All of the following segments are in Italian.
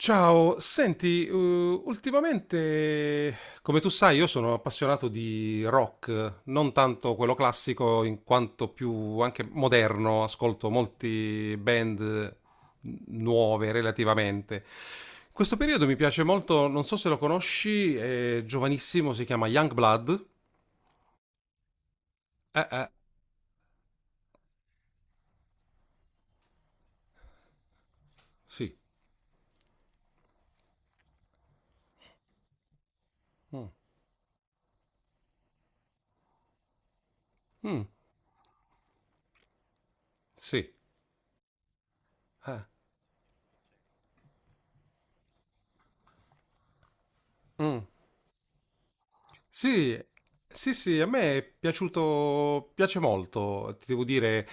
Ciao, senti, ultimamente, come tu sai, io sono appassionato di rock, non tanto quello classico in quanto più anche moderno, ascolto molti band nuove relativamente. In questo periodo mi piace molto, non so se lo conosci, è giovanissimo, si chiama Youngblood. Eh, eh, sì. Mm. Mm, sì. Eh, mm. Sì, sì, sì, a me è piaciuto, piace molto, ti devo dire,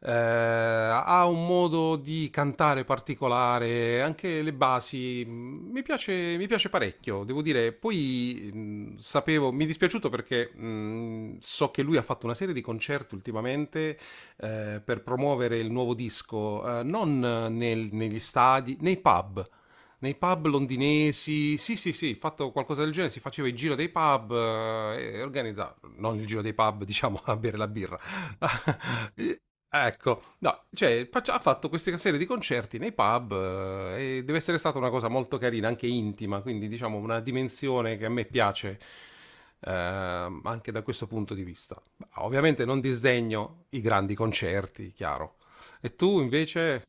ha un modo di cantare particolare, anche le basi, mi piace parecchio, devo dire, poi sapevo, mi è dispiaciuto perché so che lui ha fatto una serie di concerti ultimamente per promuovere il nuovo disco, non negli stadi, nei pub londinesi, sì, sì, sì, fatto qualcosa del genere, si faceva il giro dei pub e organizzava, non il giro dei pub, diciamo, a bere la birra. Ecco, no, cioè, ha fatto questa serie di concerti nei pub, e deve essere stata una cosa molto carina, anche intima, quindi diciamo una dimensione che a me piace. Anche da questo punto di vista, ovviamente non disdegno i grandi concerti, chiaro. E tu invece?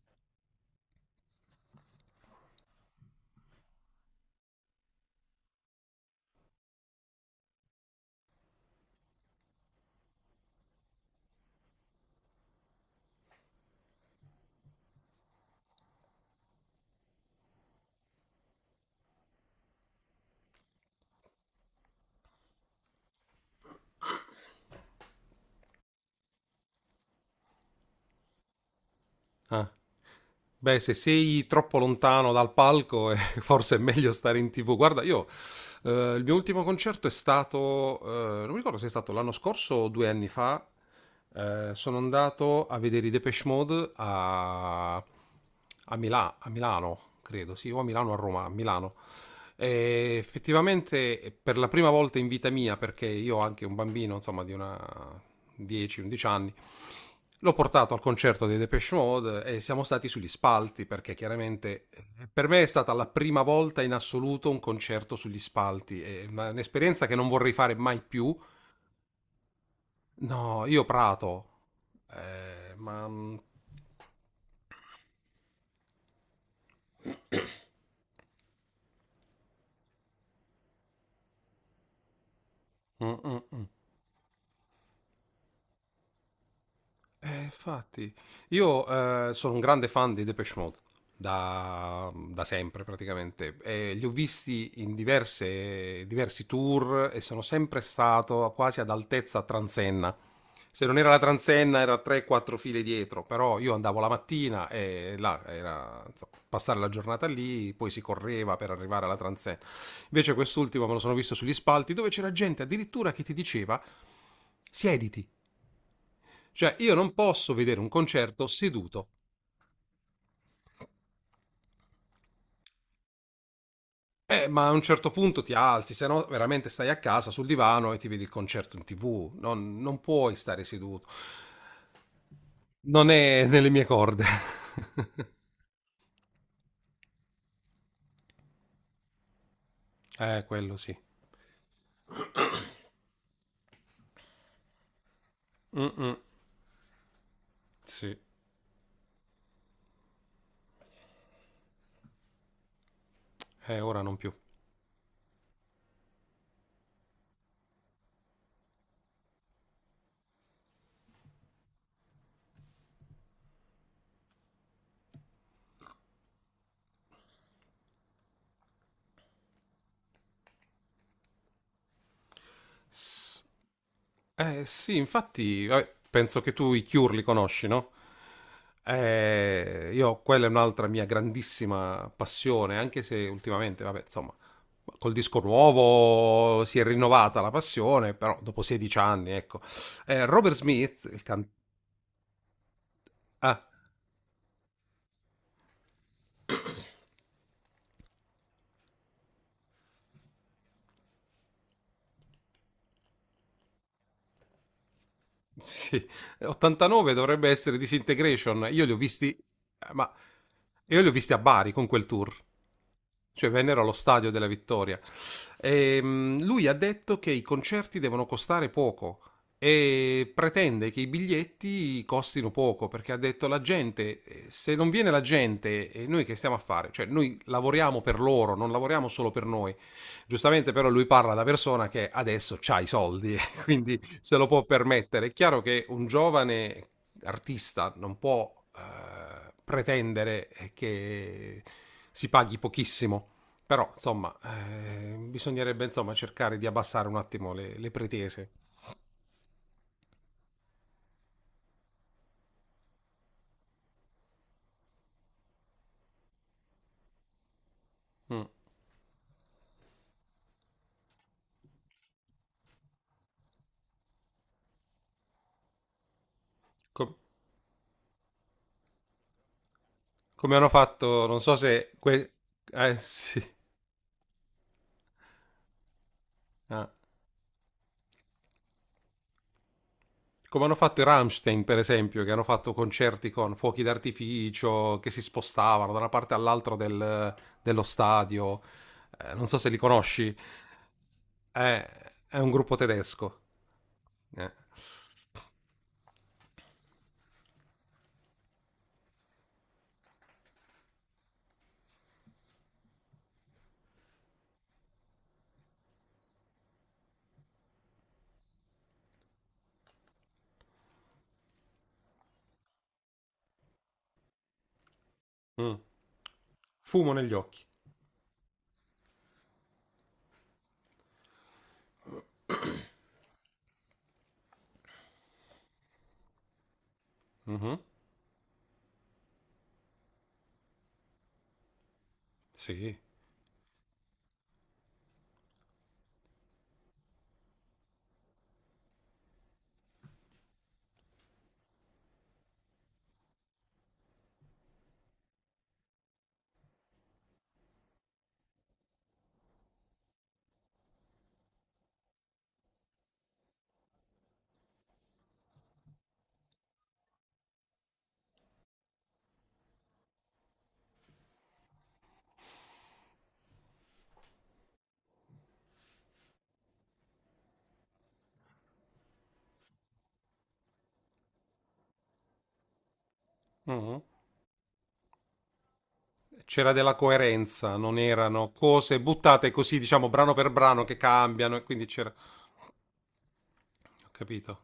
Ah. Beh, se sei troppo lontano dal palco, forse è meglio stare in TV. Guarda, io il mio ultimo concerto è stato, non mi ricordo se è stato l'anno scorso o 2 anni fa. Sono andato a vedere i Depeche Mode a Milano, credo, sì, o a Milano o a Roma, a Milano. E effettivamente per la prima volta in vita mia, perché io ho anche un bambino, insomma, di una 10-11 anni. L'ho portato al concerto dei Depeche Mode e siamo stati sugli spalti perché chiaramente per me è stata la prima volta in assoluto un concerto sugli spalti, è un'esperienza che non vorrei fare mai più. No, io prato. Ma mm, mm, mm, mm. Infatti, io sono un grande fan di Depeche Mode da sempre praticamente. E li ho visti in diversi tour e sono sempre stato quasi ad altezza transenna. Se non era la transenna, era 3-4 file dietro, però io andavo la mattina e là era insomma, passare la giornata lì, poi si correva per arrivare alla transenna. Invece quest'ultimo me lo sono visto sugli spalti dove c'era gente addirittura che ti diceva siediti. Cioè, io non posso vedere un concerto seduto. Ma a un certo punto ti alzi, se no veramente stai a casa sul divano e ti vedi il concerto in TV. Non puoi stare seduto. Non è nelle mie corde. Quello sì. Mm-mm, sì, ora non più. S- Eh sì, infatti, penso che tu i Cure li conosci, no? Io, quella è un'altra mia grandissima passione, anche se ultimamente, vabbè, insomma, col disco nuovo si è rinnovata la passione, però dopo 16 anni, ecco. Robert Smith, il cantante... Sì, 89 dovrebbe essere Disintegration. Io li ho visti, ma io li ho visti a Bari con quel tour. Cioè vennero allo stadio della Vittoria. Lui ha detto che i concerti devono costare poco e pretende che i biglietti costino poco perché ha detto la gente, se non viene la gente, e noi che stiamo a fare? Cioè noi lavoriamo per loro, non lavoriamo solo per noi. Giustamente però lui parla da persona che adesso ha i soldi, quindi se lo può permettere. È chiaro che un giovane artista non può pretendere che si paghi pochissimo, però insomma bisognerebbe, insomma, cercare di abbassare un attimo le pretese. Mm. Com- Come hanno fatto, non so se, sì. Ah. Come hanno fatto i Rammstein, per esempio, che hanno fatto concerti con fuochi d'artificio, che si spostavano da una parte all'altra dello stadio. Non so se li conosci. Eh, è un gruppo tedesco. Eh. Mm. Fumo negli occhi. Mhm. Sì. Mhm. C'era della coerenza, non erano cose buttate così, diciamo, brano per brano che cambiano, e quindi c'era. Ho capito.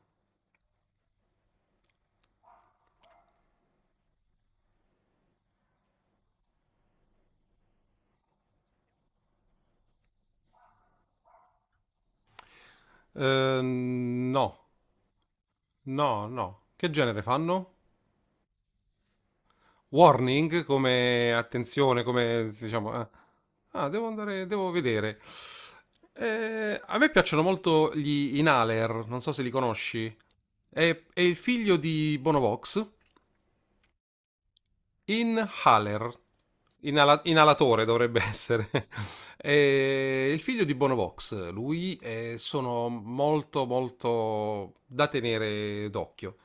No. No, no. Che genere fanno? Warning, come attenzione, come diciamo. Ah, devo andare, devo vedere. A me piacciono molto gli Inhaler, non so se li conosci. È il figlio di Bonovox. Inhaler, inalatore dovrebbe essere. E il figlio di Bonovox, lui, sono molto molto da tenere d'occhio.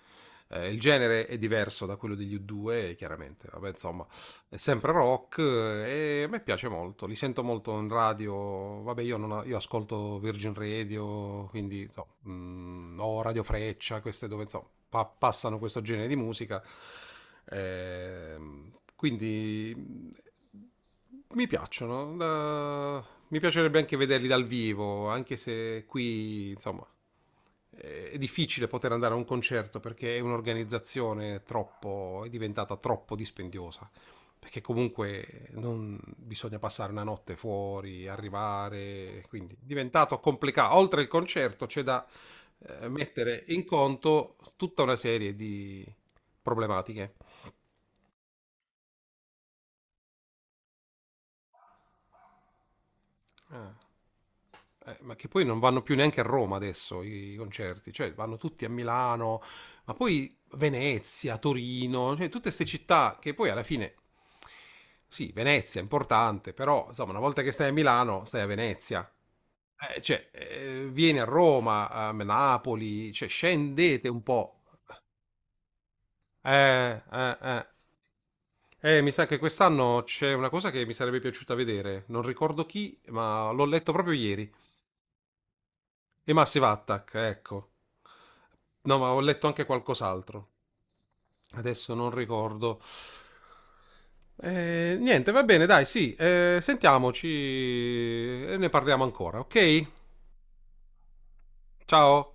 Il genere è diverso da quello degli U2, chiaramente. Vabbè, insomma, è sempre rock e a me piace molto, li sento molto in radio, vabbè io, non, io ascolto Virgin Radio, quindi insomma, o Radio Freccia, queste dove insomma, passano questo genere di musica, quindi mi piacciono, mi piacerebbe anche vederli dal vivo, anche se qui insomma è difficile poter andare a un concerto perché è un'organizzazione troppo, è diventata troppo dispendiosa perché comunque non bisogna passare una notte fuori, arrivare, quindi è diventato complicato. Oltre il concerto c'è da mettere in conto tutta una serie di problematiche. Ah, ma che poi non vanno più neanche a Roma adesso i concerti, cioè vanno tutti a Milano, ma poi Venezia, Torino, cioè tutte queste città che poi alla fine, sì, Venezia è importante, però insomma, una volta che stai a Milano, stai a Venezia. Cioè, vieni a Roma, a Napoli, cioè, scendete un po'. Eh. Mi sa che quest'anno c'è una cosa che mi sarebbe piaciuta vedere. Non ricordo chi, ma l'ho letto proprio ieri. E Massive Attack, ecco. No, ma ho letto anche qualcos'altro. Adesso non ricordo. Niente, va bene, dai, sì. Sentiamoci e ne parliamo ancora, ok? Ciao.